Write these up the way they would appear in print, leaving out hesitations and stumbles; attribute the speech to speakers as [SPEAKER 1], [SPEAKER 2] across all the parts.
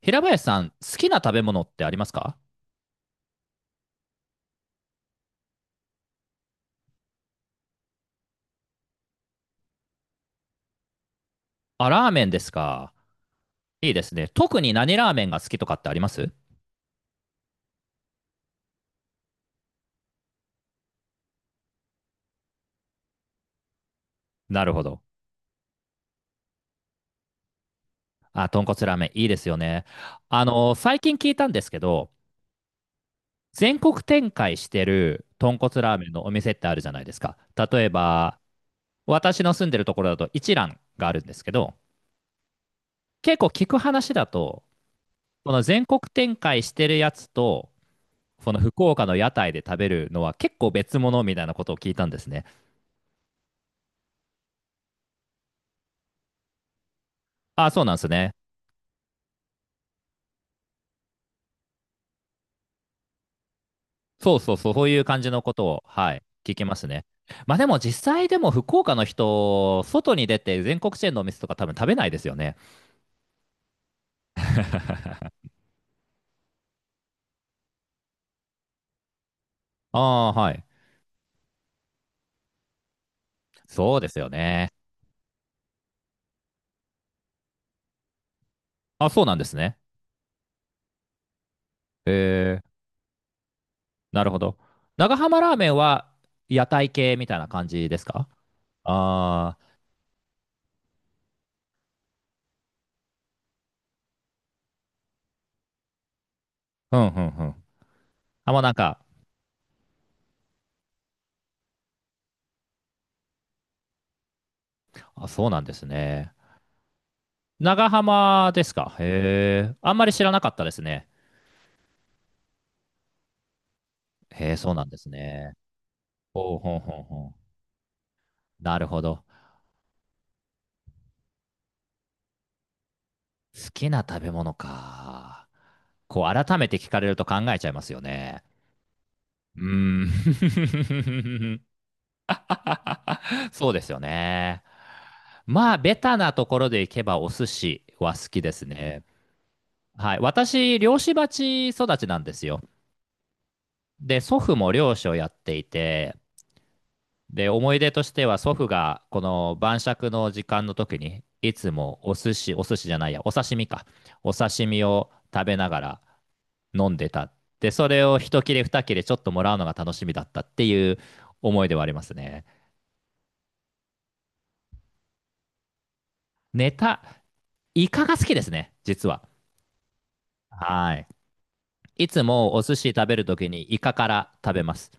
[SPEAKER 1] 平林さん、好きな食べ物ってありますか？あ、ラーメンですか。いいですね。特に何ラーメンが好きとかってあります？なるほど。あ、豚骨ラーメン、いいですよね。最近聞いたんですけど、全国展開してる豚骨ラーメンのお店ってあるじゃないですか。例えば、私の住んでるところだと一蘭があるんですけど、結構聞く話だと、この全国展開してるやつと、この福岡の屋台で食べるのは結構別物みたいなことを聞いたんですね。あ、そうなんですね。そうそうそう、そういう感じのことを、はい、聞きますね。まあでも実際でも福岡の人、外に出て全国チェーンのお店とか多分食べないですよね。ああ、はい。そうですよね。あ、そうなんですね。へえ、なるほど。長浜ラーメンは屋台系みたいな感じですか？ああー、うんうんうん。あ、もうなんか、あ、そうなんですね。長浜ですか？へえ、あんまり知らなかったですね。へえ、そうなんですね。ほうほうほうほう。なるほど。好きな食べ物か。こう、改めて聞かれると考えちゃいますよね。うーん。そうですよね。まあ、ベタなところでいけばお寿司は好きですね。はい。私、漁師鉢育ちなんですよ。で、祖父も漁師をやっていて、で、思い出としては祖父がこの晩酌の時間の時に、いつもお寿司、お寿司じゃないや、お刺身か。お刺身を食べながら、飲んでた。で、それを一切れ二切れちょっともらうのが楽しみだったっていう思いではありますね。ネタ、イカが好きですね、実は。はい。いつもお寿司食べるときにイカから食べます。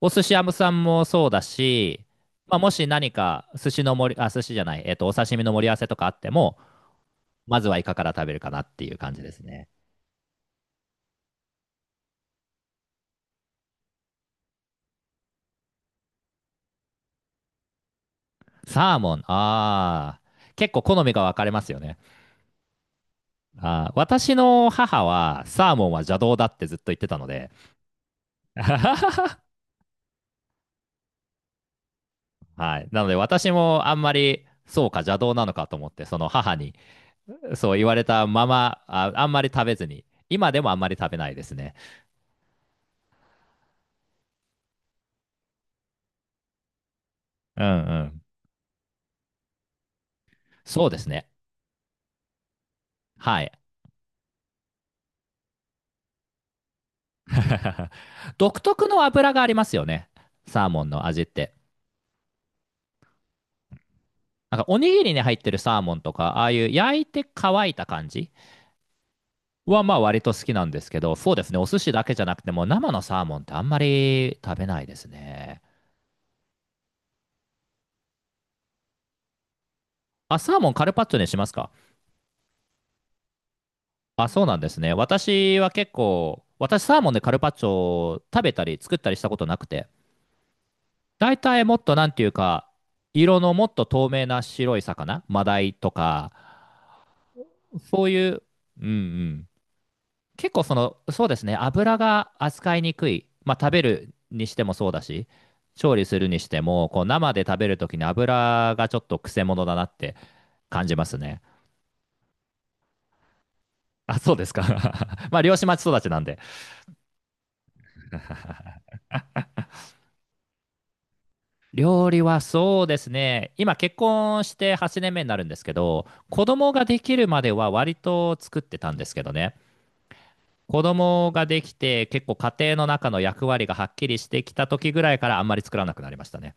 [SPEAKER 1] お寿司屋さんもそうだし、まあ、もし何か寿司の盛り、あ、寿司じゃない、お刺身の盛り合わせとかあっても、まずはイカから食べるかなっていう感じですね。サーモン、ああ、結構好みが分かれますよね。あー私の母はサーモンは邪道だってずっと言ってたので、はい。なので私もあんまりそうか邪道なのかと思ってその母にそう言われたままあ、あんまり食べずに今でもあんまり食べないですね。うんうん。そうですね。はい。独特の油がありますよね。サーモンの味って。なんかおにぎりに入ってるサーモンとか、ああいう焼いて乾いた感じはまあ割と好きなんですけど、そうですね。お寿司だけじゃなくても生のサーモンってあんまり食べないですね。あ、サーモンカルパッチョにしますか？あ、そうなんですね。私は結構、私サーモンでカルパッチョを食べたり作ったりしたことなくて、大体もっとなんていうか、色のもっと透明な白い魚、マダイとか、そういう、うんうん。結構その、そうですね、油が扱いにくい。まあ食べるにしてもそうだし、調理するにしても、こう生で食べるときに油がちょっとくせ者だなって感じますね。あ、そうですか。まあ漁師町育ちなんで。料理はそうですね。今結婚して8年目になるんですけど、子供ができるまでは割と作ってたんですけどね。子供ができて結構家庭の中の役割がはっきりしてきた時ぐらいからあんまり作らなくなりましたね。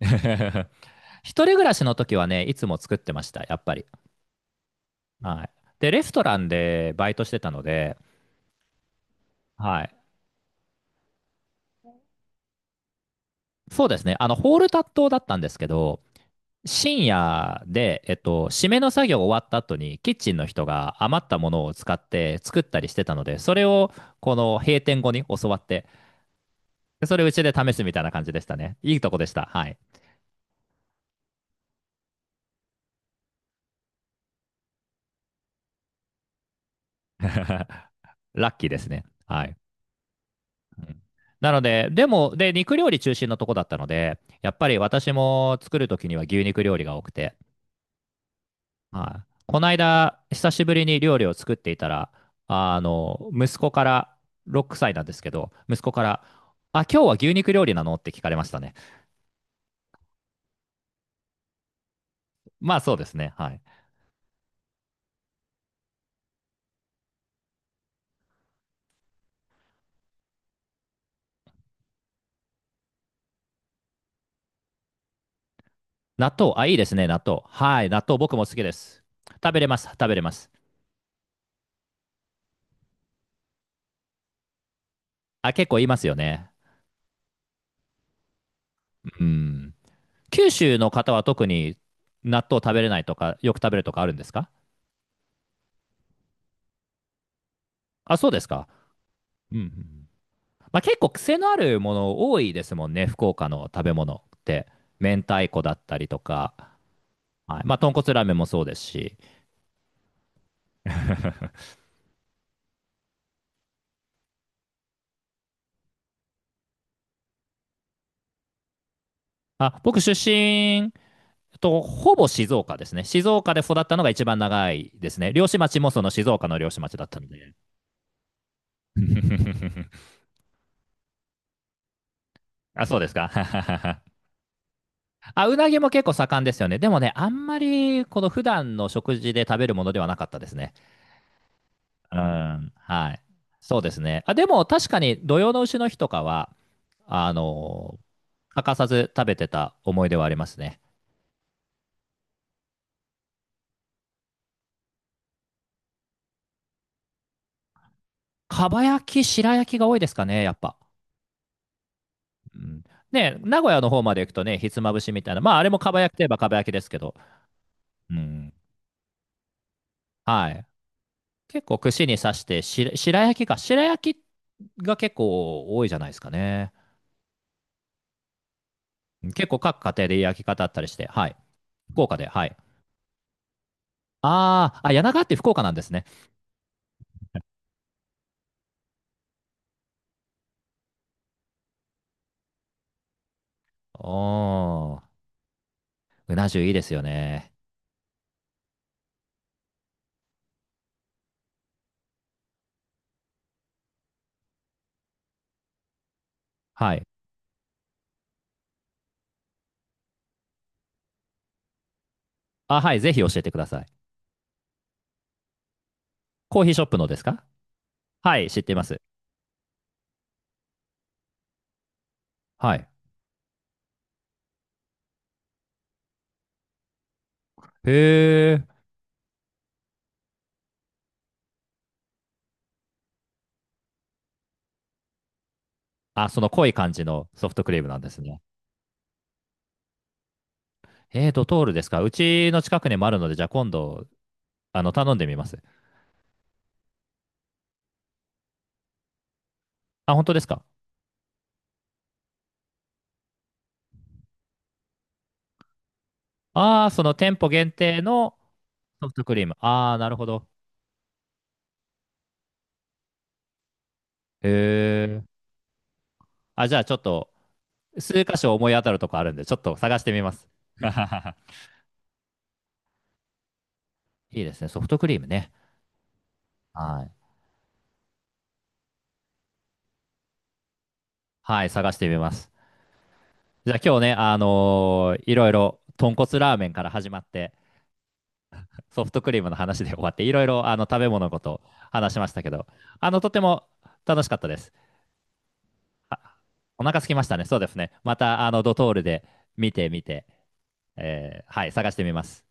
[SPEAKER 1] 一人暮らしの時はね、いつも作ってました、やっぱり。はい。で、レストランでバイトしてたので、はい。そうですね。あの、ホールタットだったんですけど、深夜で、締めの作業終わった後に、キッチンの人が余ったものを使って作ったりしてたので、それを、この閉店後に教わって、でそれをうちで試すみたいな感じでしたね。いいとこでした。はい。ラッキーですね。はい。うんなので、でも、で、肉料理中心のとこだったので、やっぱり私も作るときには牛肉料理が多くて、はい。この間、久しぶりに料理を作っていたら、息子から、6歳なんですけど、息子から、あ、今日は牛肉料理なのって聞かれましたね。まあそうですね。はい。納豆、あ、いいですね、納豆。はい、納豆僕も好きです。食べれます、食べれます。あ、結構言いますよね。うん。九州の方は特に納豆食べれないとか、よく食べるとかあるんですか？あ、そうですか。うんうん。まあ、結構癖のあるもの多いですもんね、福岡の食べ物って。明太子だったりとか、はい、まあ、豚骨ラーメンもそうですし、あ、僕出身とほぼ静岡ですね。静岡で育ったのが一番長いですね。漁師町もその静岡の漁師町だったので。あ、そうですか。あ、うなぎも結構盛んですよね。でもね、あんまりこの普段の食事で食べるものではなかったですね。うん、はい。そうですね。あ、でも確かに土用の丑の日とかは、あのー欠かさず食べてた思い出はありますね。かば焼き、白焼きが多いですかね、やっぱ。うん、ね、名古屋の方まで行くとね、ひつまぶしみたいな、まああれもかば焼きといえばかば焼きですけど、うん、はい。結構串に刺してし、白焼きか、白焼きが結構多いじゃないですかね。結構各家庭で焼き方あったりして、はい。福岡で、はい。あーあ、柳川って福岡なんですね。おーうな重いいですよね。はい。あ、はい。ぜひ教えてください。コーヒーショップのですか？はい。知っています。はい。へえ。あ、その濃い感じのソフトクリームなんですね。えー、ドトールですか？うちの近くにもあるので、じゃあ今度、頼んでみます。あ、本当ですか？ああー、その店舗限定のソフトクリーム。ああ、なるほど。へえ。あ、じゃあちょっと、数箇所思い当たるとこあるんで、ちょっと探してみます。いいですね。ソフトクリームね。はい。はい、探してみます。じゃあ今日ね、いろいろ豚骨ラーメンから始まってソフトクリームの話で終わっていろいろあの食べ物のこと話しましたけどあのとても楽しかったです。あ、お腹空きましたね。そうですね。またあのドトールで見てみて、えーはい、探してみます。